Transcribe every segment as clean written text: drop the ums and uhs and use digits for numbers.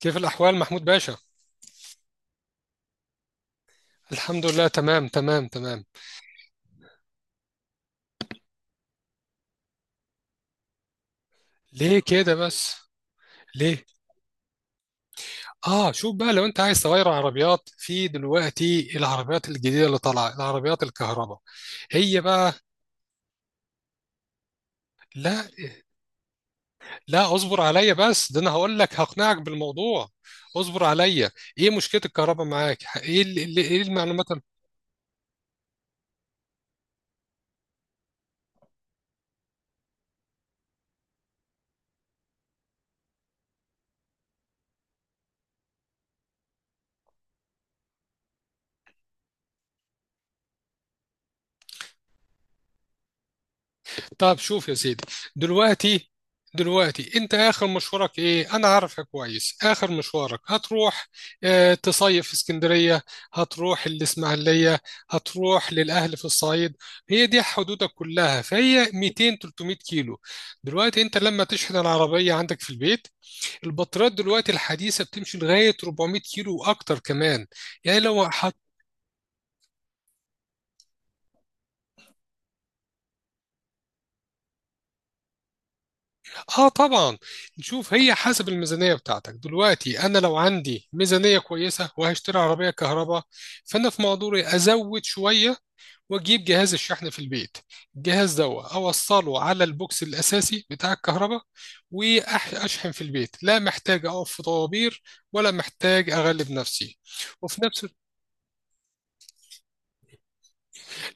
كيف الأحوال محمود باشا؟ الحمد لله، تمام تمام تمام. ليه كده بس؟ ليه؟ آه، شوف بقى، لو أنت عايز تغير عربيات، في دلوقتي العربيات الجديدة اللي طالعة العربيات الكهرباء هي بقى. لا لا، اصبر عليا بس، ده أنا هقول لك، هقنعك بالموضوع. اصبر عليا. إيه مشكلة الكهرباء معاك؟ إيه المعلومات؟ طب شوف يا سيدي، دلوقتي دلوقتي انت اخر مشوارك ايه؟ انا عارفك كويس، اخر مشوارك هتروح، اه، تصيف في اسكندرية، هتروح الاسماعيلية، هتروح للاهل في الصعيد. هي دي حدودك كلها، فهي 200 300 كيلو. دلوقتي انت لما تشحن العربية عندك في البيت، البطاريات دلوقتي الحديثة بتمشي لغاية 400 كيلو واكتر كمان. يعني لو، اه طبعا. شوف، هي حسب الميزانيه بتاعتك. دلوقتي انا لو عندي ميزانيه كويسه وهشتري عربيه كهرباء، فانا في مقدوري ازود شويه واجيب جهاز الشحن في البيت. الجهاز ده اوصله على البوكس الاساسي بتاع الكهرباء واشحن في البيت، لا محتاج اقف في طوابير ولا محتاج اغلب نفسي. وفي نفس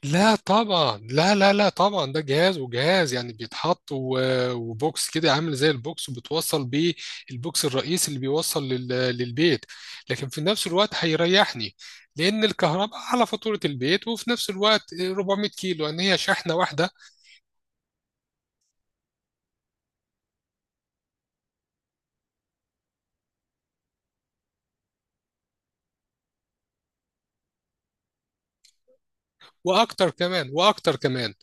لا طبعا، لا لا لا طبعا، ده جهاز، وجهاز يعني بيتحط، و- وبوكس كده عامل زي البوكس وبتوصل بيه البوكس الرئيسي اللي بيوصل للبيت. لكن في نفس الوقت هيريحني، لأن الكهرباء على فاتورة البيت، وفي نفس الوقت 400 كيلو يعني هي شحنة واحدة. واكتر كمان، واكتر كمان.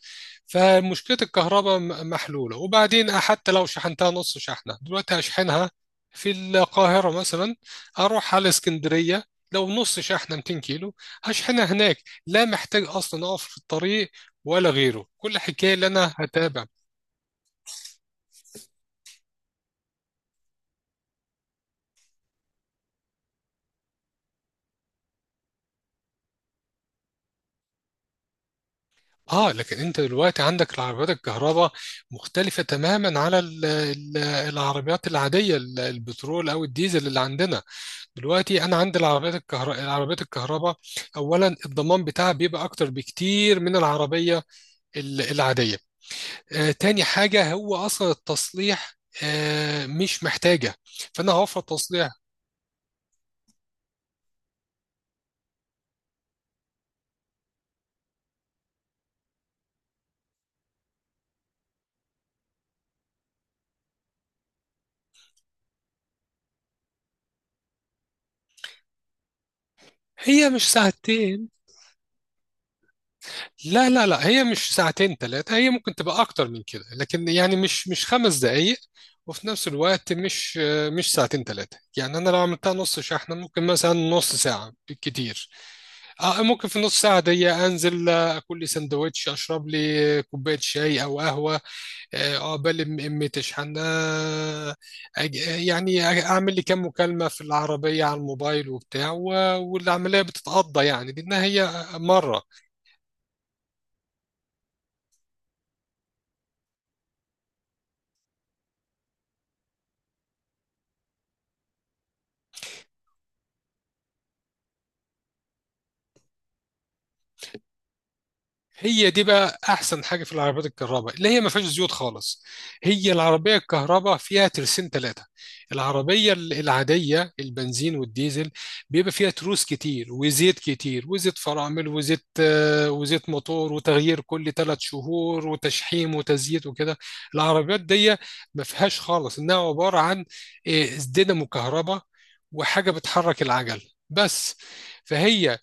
فمشكله الكهرباء محلوله. وبعدين حتى لو شحنتها نص شحنه، دلوقتي هشحنها في القاهره مثلا، اروح على اسكندريه، لو نص شحنه 200 كيلو هشحنها هناك، لا محتاج اصلا اقف في الطريق ولا غيره، كل حكايه اللي انا هتابع. اه لكن انت دلوقتي عندك العربيات الكهرباء مختلفه تماما على العربيات العاديه، البترول او الديزل اللي عندنا. دلوقتي انا عندي العربيات الكهرباء، اولا الضمان بتاعها بيبقى اكتر بكتير من العربيه العاديه. تاني حاجه، هو اصلا التصليح، مش محتاجه، فانا هوفر تصليح. هي مش ساعتين، لا لا لا، هي مش ساعتين ثلاثة، هي ممكن تبقى أكتر من كده، لكن يعني مش خمس دقايق. وفي نفس الوقت مش ساعتين ثلاثة، يعني أنا لو عملتها نص شحنة ممكن مثلا نص ساعة بالكتير. ممكن في نص ساعة دي أنزل، أكل لي سندوتش، أشرب لي كوباية شاي أو قهوة، عقبال أمي تشحن، يعني أعمل لي كام مكالمة في العربية على الموبايل وبتاع، و- والعملية بتتقضى يعني، لأنها هي مرة. هي دي بقى احسن حاجه في العربيات الكهرباء، اللي هي ما فيهاش زيوت خالص. هي العربيه الكهرباء فيها ترسين ثلاثه. العربيه العاديه، البنزين والديزل، بيبقى فيها تروس كتير وزيت كتير وزيت فرامل، وزيت موتور، وتغيير كل ثلاث شهور وتشحيم وتزييت وكده. العربيات دي ما فيهاش خالص، انها عباره عن، آه، دينامو كهرباء وحاجه بتحرك العجل بس. فهي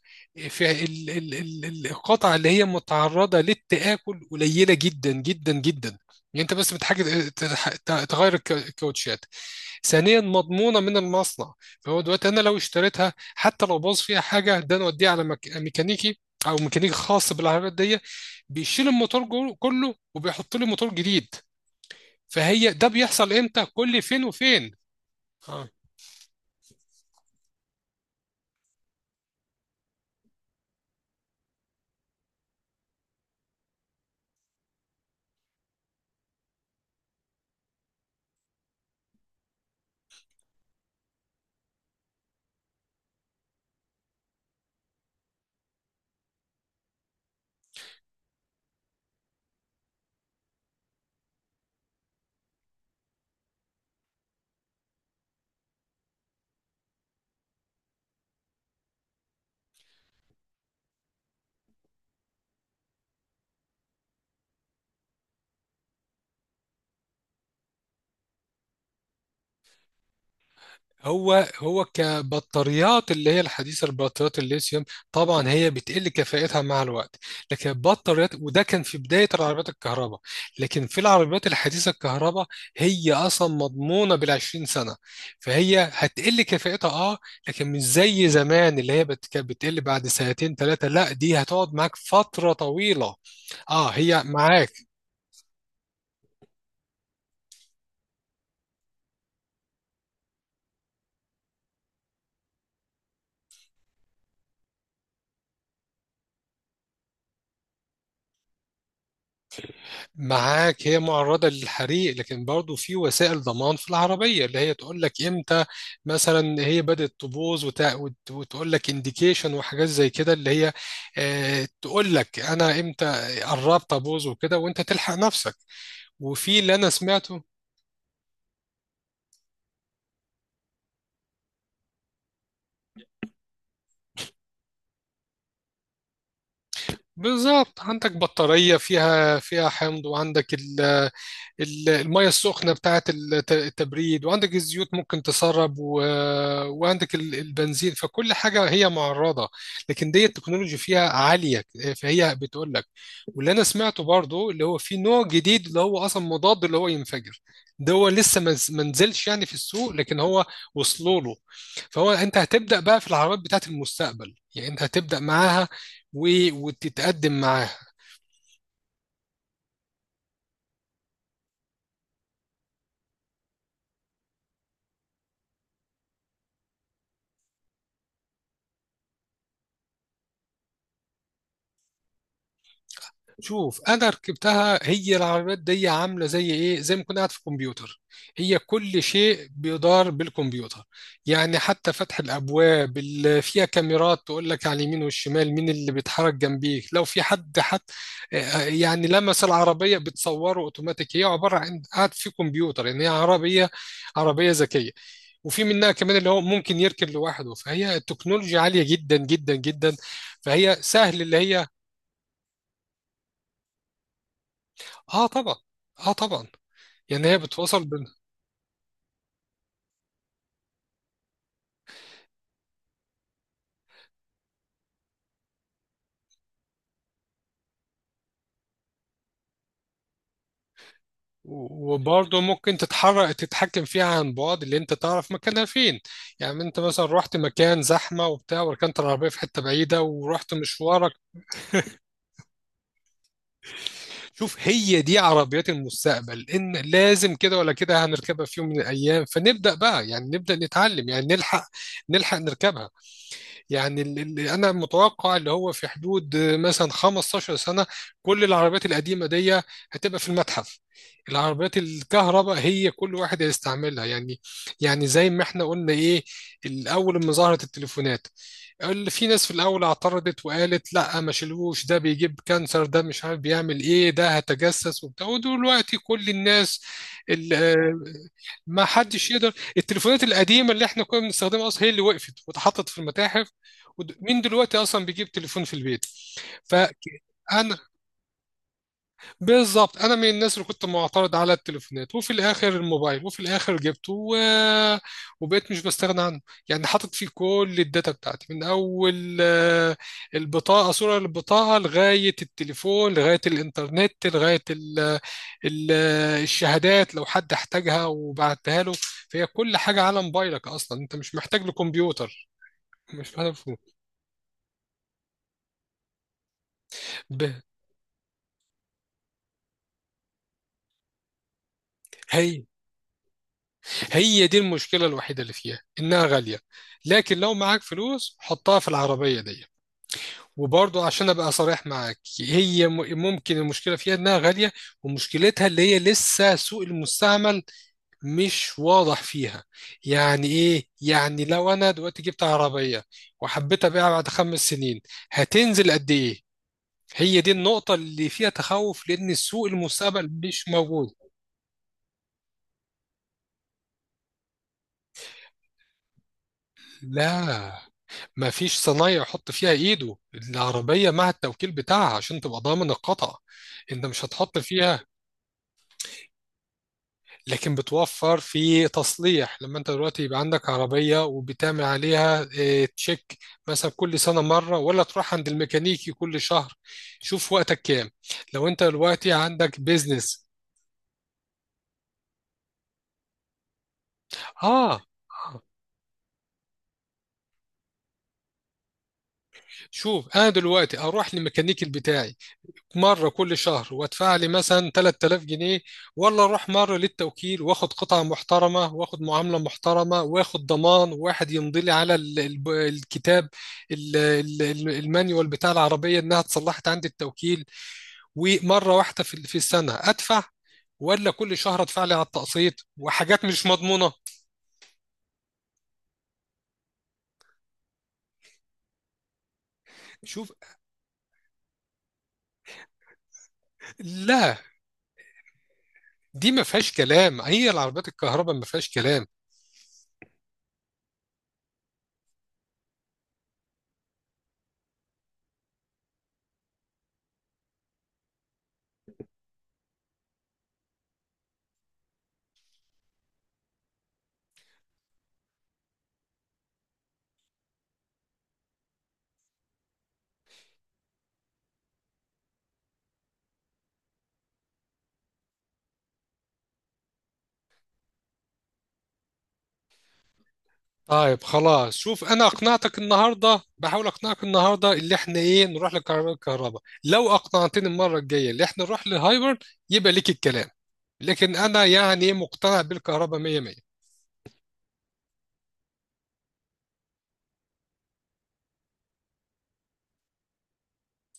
فالقطع اللي هي متعرضة للتآكل قليلة جدا جدا جدا. يعني انت بس بتحاجة تغير الكاوتشات. ثانيا مضمونة من المصنع، فهو دلوقتي انا لو اشتريتها، حتى لو باظ فيها حاجة، ده انا اوديها على ميكانيكي او ميكانيكي خاص بالعربيات دي، بيشيل الموتور كله وبيحط لي موتور جديد. فهي ده بيحصل امتى، كل فين وفين. آه. هو كبطاريات، اللي هي الحديثة، البطاريات الليثيوم، طبعا هي بتقل كفاءتها مع الوقت. لكن البطاريات، وده كان في بداية العربيات الكهرباء، لكن في العربيات الحديثة الكهرباء، هي أصلا مضمونة بالعشرين سنة. فهي هتقل كفاءتها لكن مش زي زمان اللي هي كانت بتقل بعد سنتين ثلاثة. لا، دي هتقعد معاك فترة طويلة. اه، هي معاك هي معرضة للحريق، لكن برضو في وسائل ضمان في العربية اللي هي تقول لك امتى مثلا هي بدأت تبوظ، وتقول لك انديكيشن وحاجات زي كده، اللي هي تقول لك انا امتى قربت ابوظ وكده، وانت تلحق نفسك. وفي اللي انا سمعته، بالظبط، عندك بطارية فيها حمض، وعندك المية السخنة بتاعة التبريد، وعندك الزيوت ممكن تسرب، و... وعندك البنزين، فكل حاجة هي معرضة. لكن دي التكنولوجي فيها عالية، فهي بتقول لك. واللي أنا سمعته برضو، اللي هو في نوع جديد اللي هو أصلا مضاد اللي هو ينفجر، ده هو لسه ما نزلش يعني في السوق، لكن هو وصلوا له. فهو أنت هتبدأ بقى في العربيات بتاعة المستقبل، يعني أنت هتبدأ معاها و... وتتقدم معاها. شوف، انا ركبتها، هي العربيات دي عامله زي ايه، زي ما كنت قاعد في كمبيوتر، هي كل شيء بيدار بالكمبيوتر. يعني حتى فتح الابواب، اللي فيها كاميرات تقول لك على اليمين والشمال مين اللي بيتحرك جنبيك لو في حد، حتى يعني لمس العربيه بتصوره اوتوماتيك. هي عباره عن قاعد في كمبيوتر يعني، هي عربيه ذكيه. وفي منها كمان اللي هو ممكن يركن لوحده، فهي التكنولوجيا عالية جدا جدا جدا، فهي سهل اللي هي. اه طبعا، اه طبعا، يعني هي بتوصل بين. وبرضه ممكن تتحكم فيها عن بعد، اللي انت تعرف مكانها فين. يعني انت مثلا رحت مكان زحمه وبتاع، وركنت العربيه في حته بعيده، ورحت مشوارك. شوف، هي دي عربيات المستقبل، ان لازم كده ولا كده هنركبها في يوم من الايام، فنبدا بقى يعني نبدا نتعلم، يعني نلحق نركبها. يعني اللي انا متوقع، اللي هو في حدود مثلا 15 سنه، كل العربيات القديمه دي هتبقى في المتحف. العربيات الكهرباء هي كل واحد هيستعملها، يعني يعني زي ما احنا قلنا ايه، الاول لما ظهرت التليفونات، اللي في ناس في الاول اعترضت وقالت لا، ما شيلوش، ده بيجيب كانسر، ده مش عارف بيعمل ايه، ده هتجسس وبتاع، ودلوقتي كل الناس، ما حدش يقدر. التليفونات القديمه اللي احنا كنا بنستخدمها اصلا، هي اللي وقفت واتحطت في المتاحف. مين دلوقتي اصلا بيجيب تليفون في البيت؟ فانا بالظبط، انا من الناس اللي كنت معترض على التليفونات، وفي الاخر الموبايل، وفي الاخر جبته و... وبقيت مش بستغنى عنه. يعني حاطط فيه كل الداتا بتاعتي من اول، البطاقه، صوره البطاقه، لغايه التليفون، لغايه الانترنت، لغايه ال... الشهادات لو حد احتاجها وبعتها له. فهي كل حاجه على موبايلك، اصلا انت مش محتاج لكمبيوتر، مش محتاج. ب... هي هي دي المشكلة الوحيدة اللي فيها، إنها غالية. لكن لو معاك فلوس حطها في العربية دي. وبرضو عشان أبقى صريح معاك، هي ممكن المشكلة فيها إنها غالية، ومشكلتها اللي هي لسه سوق المستعمل مش واضح فيها. يعني إيه؟ يعني لو أنا دلوقتي جبت عربية وحبيت أبيعها بعد خمس سنين، هتنزل قد إيه؟ هي دي النقطة اللي فيها تخوف، لأن سوق المستقبل مش موجود. لا، ما فيش صنايعي يحط فيها ايده، العربية مع التوكيل بتاعها عشان تبقى ضامن القطع، انت مش هتحط فيها. لكن بتوفر في تصليح. لما انت دلوقتي يبقى عندك عربية وبتعمل عليها تشيك مثلا كل سنة مرة، ولا تروح عند الميكانيكي كل شهر. شوف وقتك كام، لو انت دلوقتي عندك بيزنس. اه آه. شوف، انا دلوقتي اروح للميكانيكي بتاعي مرة كل شهر وادفع لي مثلا 3000 جنيه، ولا اروح مرة للتوكيل واخد قطعة محترمة واخد معاملة محترمة واخد ضمان، واحد يمضي لي على الكتاب، المانيوال بتاع العربية، انها اتصلحت عند التوكيل، ومرة واحدة في السنة ادفع؟ ولا كل شهر ادفع لي على التقسيط وحاجات مش مضمونة؟ شوف، لا، دي ما فيهاش كلام، هي العربيات الكهرباء ما فيهاش كلام. طيب خلاص، شوف، انا اقنعتك النهارده، بحاول اقنعك النهارده اللي احنا ايه، نروح للكهرباء. لو اقنعتني المره الجايه اللي احنا نروح لهايبر، يبقى ليك الكلام. لكن انا يعني مقتنع بالكهرباء 100.